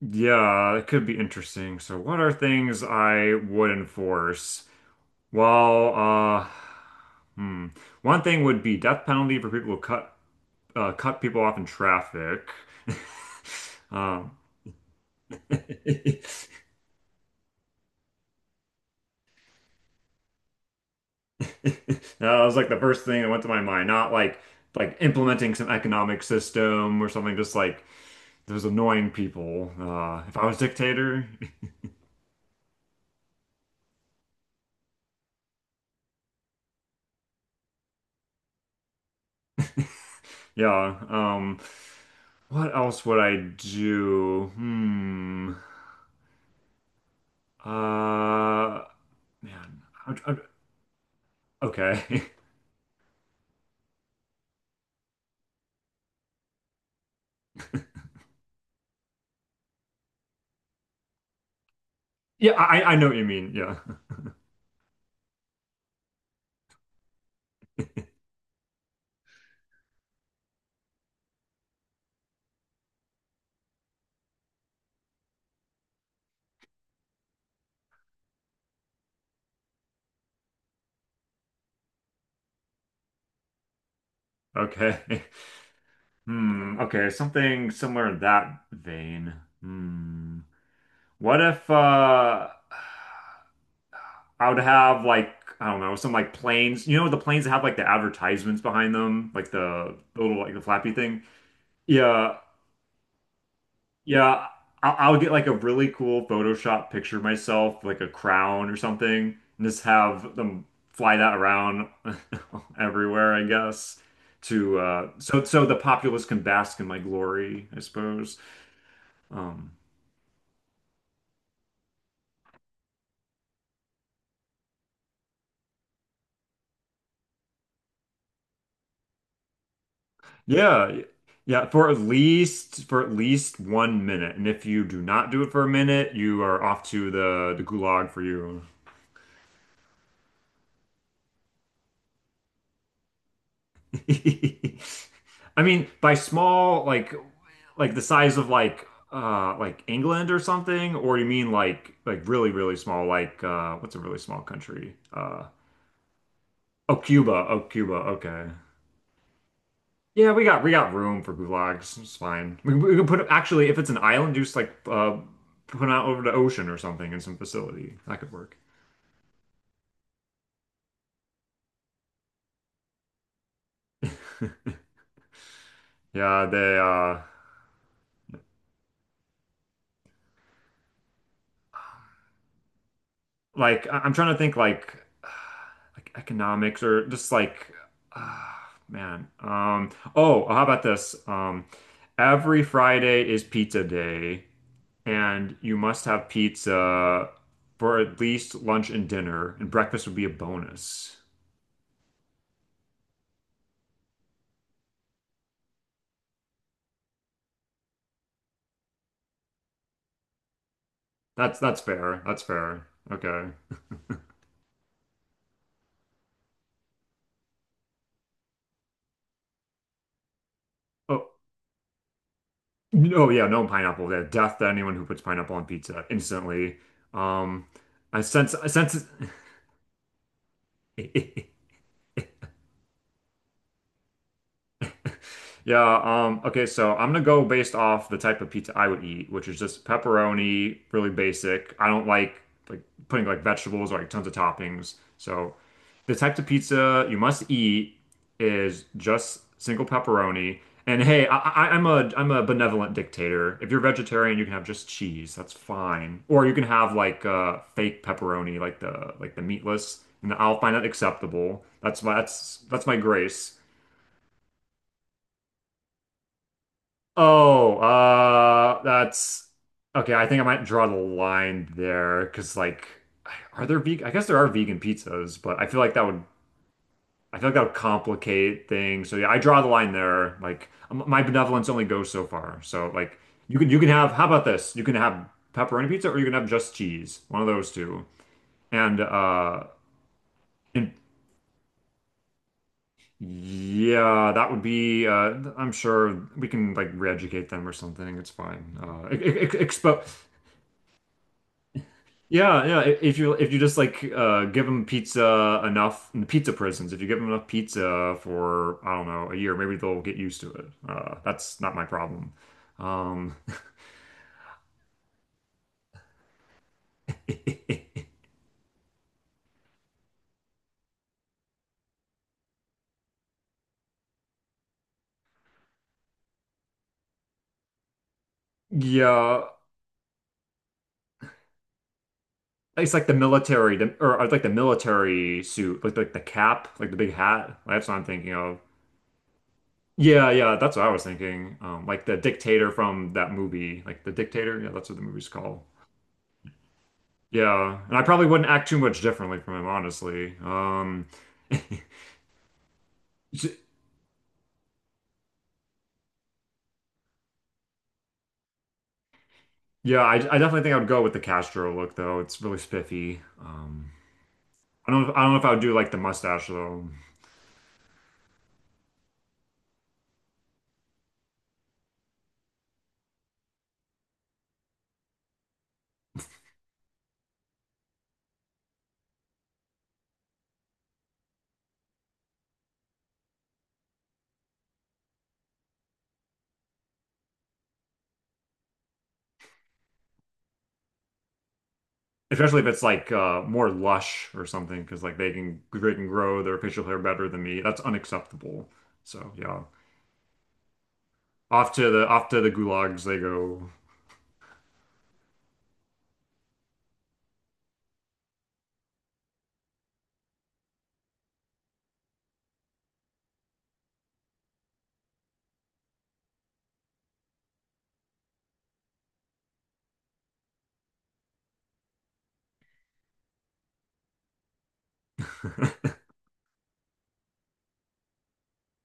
Yeah, it could be interesting. So, what are things I would enforce? Well, hmm. One thing would be death penalty for people who cut cut people off in traffic. Um, that was like the first thing that went to my mind. Not like implementing some economic system or something. Just like those annoying people. If I was dictator, yeah. What else would I do? Hmm. Uh, Man. Okay. Yeah, I know what you mean. Yeah. Okay. Hmm. Okay. Something somewhere in that vein. Hmm. What if I would have like I don't know some like planes. You know the planes that have like the advertisements behind them, like the little like the flappy thing. Yeah. Yeah, I'll get like a really cool Photoshop picture of myself, like a crown or something, and just have them fly that around everywhere, I guess. To so the populace can bask in my glory, I suppose. Um, yeah, yeah, for at least 1 minute, and if you do not do it for a minute, you are off to the gulag for you. I mean, by small, like the size of like England or something, or you mean like really really small, like what's a really small country? Oh Cuba, oh Cuba, okay. Yeah, we got room for gulags. It's fine. We can put it actually if it's an island, just like put it out over the ocean or something in some facility. That could work. Yeah, they like I'm trying to think like like economics or just like uh, man. Oh, how about this? Every Friday is pizza day and you must have pizza for at least lunch and dinner and breakfast would be a bonus. That's fair. That's fair. Okay. Oh, oh yeah, no pineapple. Yeah, death to anyone who puts pineapple on pizza instantly. Um I sense. Yeah, okay, so I'm gonna go based off the type of pizza I would eat, which is just pepperoni, really basic. I don't like putting like vegetables or like tons of toppings. So the type of pizza you must eat is just single pepperoni. And hey, I'm a benevolent dictator. If you're vegetarian, you can have just cheese. That's fine. Or you can have like fake pepperoni, like the meatless, and I'll find that acceptable. That's my grace. Oh, that's okay. I think I might draw the line there because, like, are there vegan? I guess there are vegan pizzas, but I feel like that would, I feel like that would complicate things. So yeah, I draw the line there. Like, my benevolence only goes so far. So like, you can have. How about this? You can have pepperoni pizza, or you can have just cheese. One of those two. And uh, and yeah, that would be. I'm sure we can like re-educate them or something. It's fine. E-, e-, e-, expo. Yeah, yeah. If you just like give them pizza enough in the pizza prisons, if you give them enough pizza for I don't know a year, maybe they'll get used to it. That's not my problem. Um, yeah, it's like the military, or I'd like the military suit, like the cap, like the big hat. That's what I'm thinking of. Yeah, yeah, that's what I was thinking. Like the dictator from that movie, like the dictator. Yeah, that's what the movie's called. Yeah, and I probably wouldn't act too much differently from him, honestly. S- Yeah, I definitely think I would go with the Castro look though. It's really spiffy. I don't know if I would do like the mustache though, especially if it's like more lush or something, because like they can grow their facial hair better than me. That's unacceptable. So yeah, off to the gulags they go.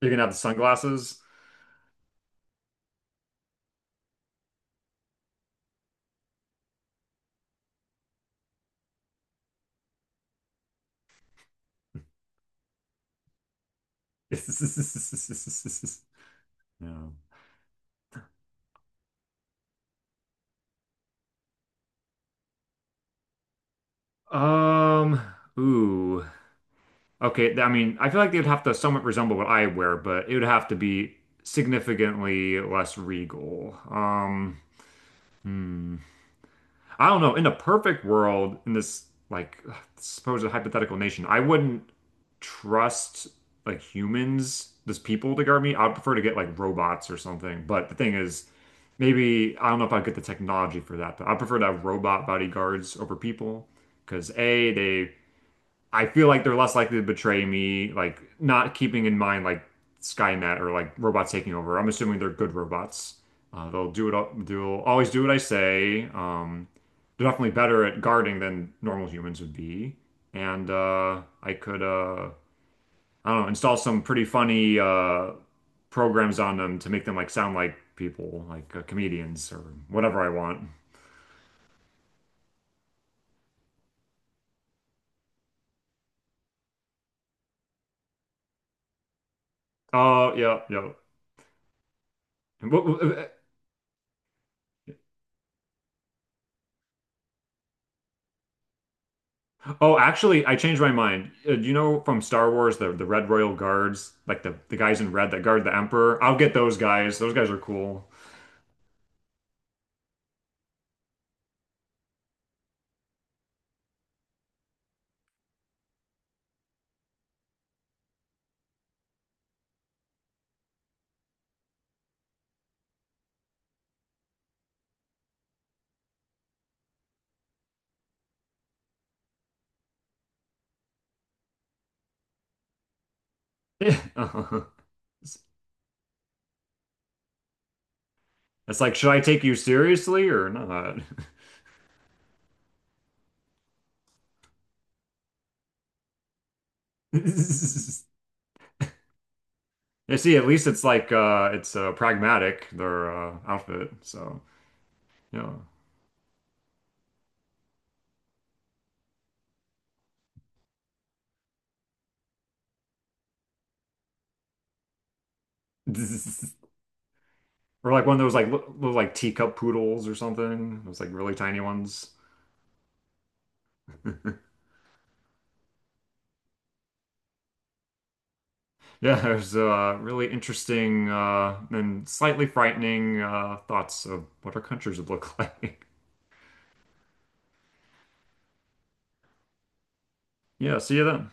You're gonna have the sunglasses. Yeah. Um. Ooh. Okay, I mean, I feel like they'd have to somewhat resemble what I wear, but it would have to be significantly less regal. Hmm. I don't know. In a perfect world, in this like supposed hypothetical nation, I wouldn't trust like humans, just people to guard me. I'd prefer to get like robots or something. But the thing is, maybe I don't know if I'd get the technology for that, but I prefer to have robot bodyguards over people because A, they I feel like they're less likely to betray me, like not keeping in mind like Skynet or like robots taking over. I'm assuming they're good robots. They'll do it. They'll always do what I say. They're definitely better at guarding than normal humans would be. And I could, I don't know, install some pretty funny programs on them to make them like sound like people, like comedians or whatever I want. Oh yeah, yeah. What, what, Oh, actually, I changed my mind. You know from Star Wars, the Red Royal Guards, like the guys in red that guard the Emperor. I'll get those guys. Those guys are cool. It's like, should I take you seriously or not? You see, at least it's like it's pragmatic their outfit. So, yeah. Or like one of those like little like teacup poodles or something. Those like really tiny ones. Yeah, there's really interesting and slightly frightening thoughts of what our countries would look like. Yeah, see you then.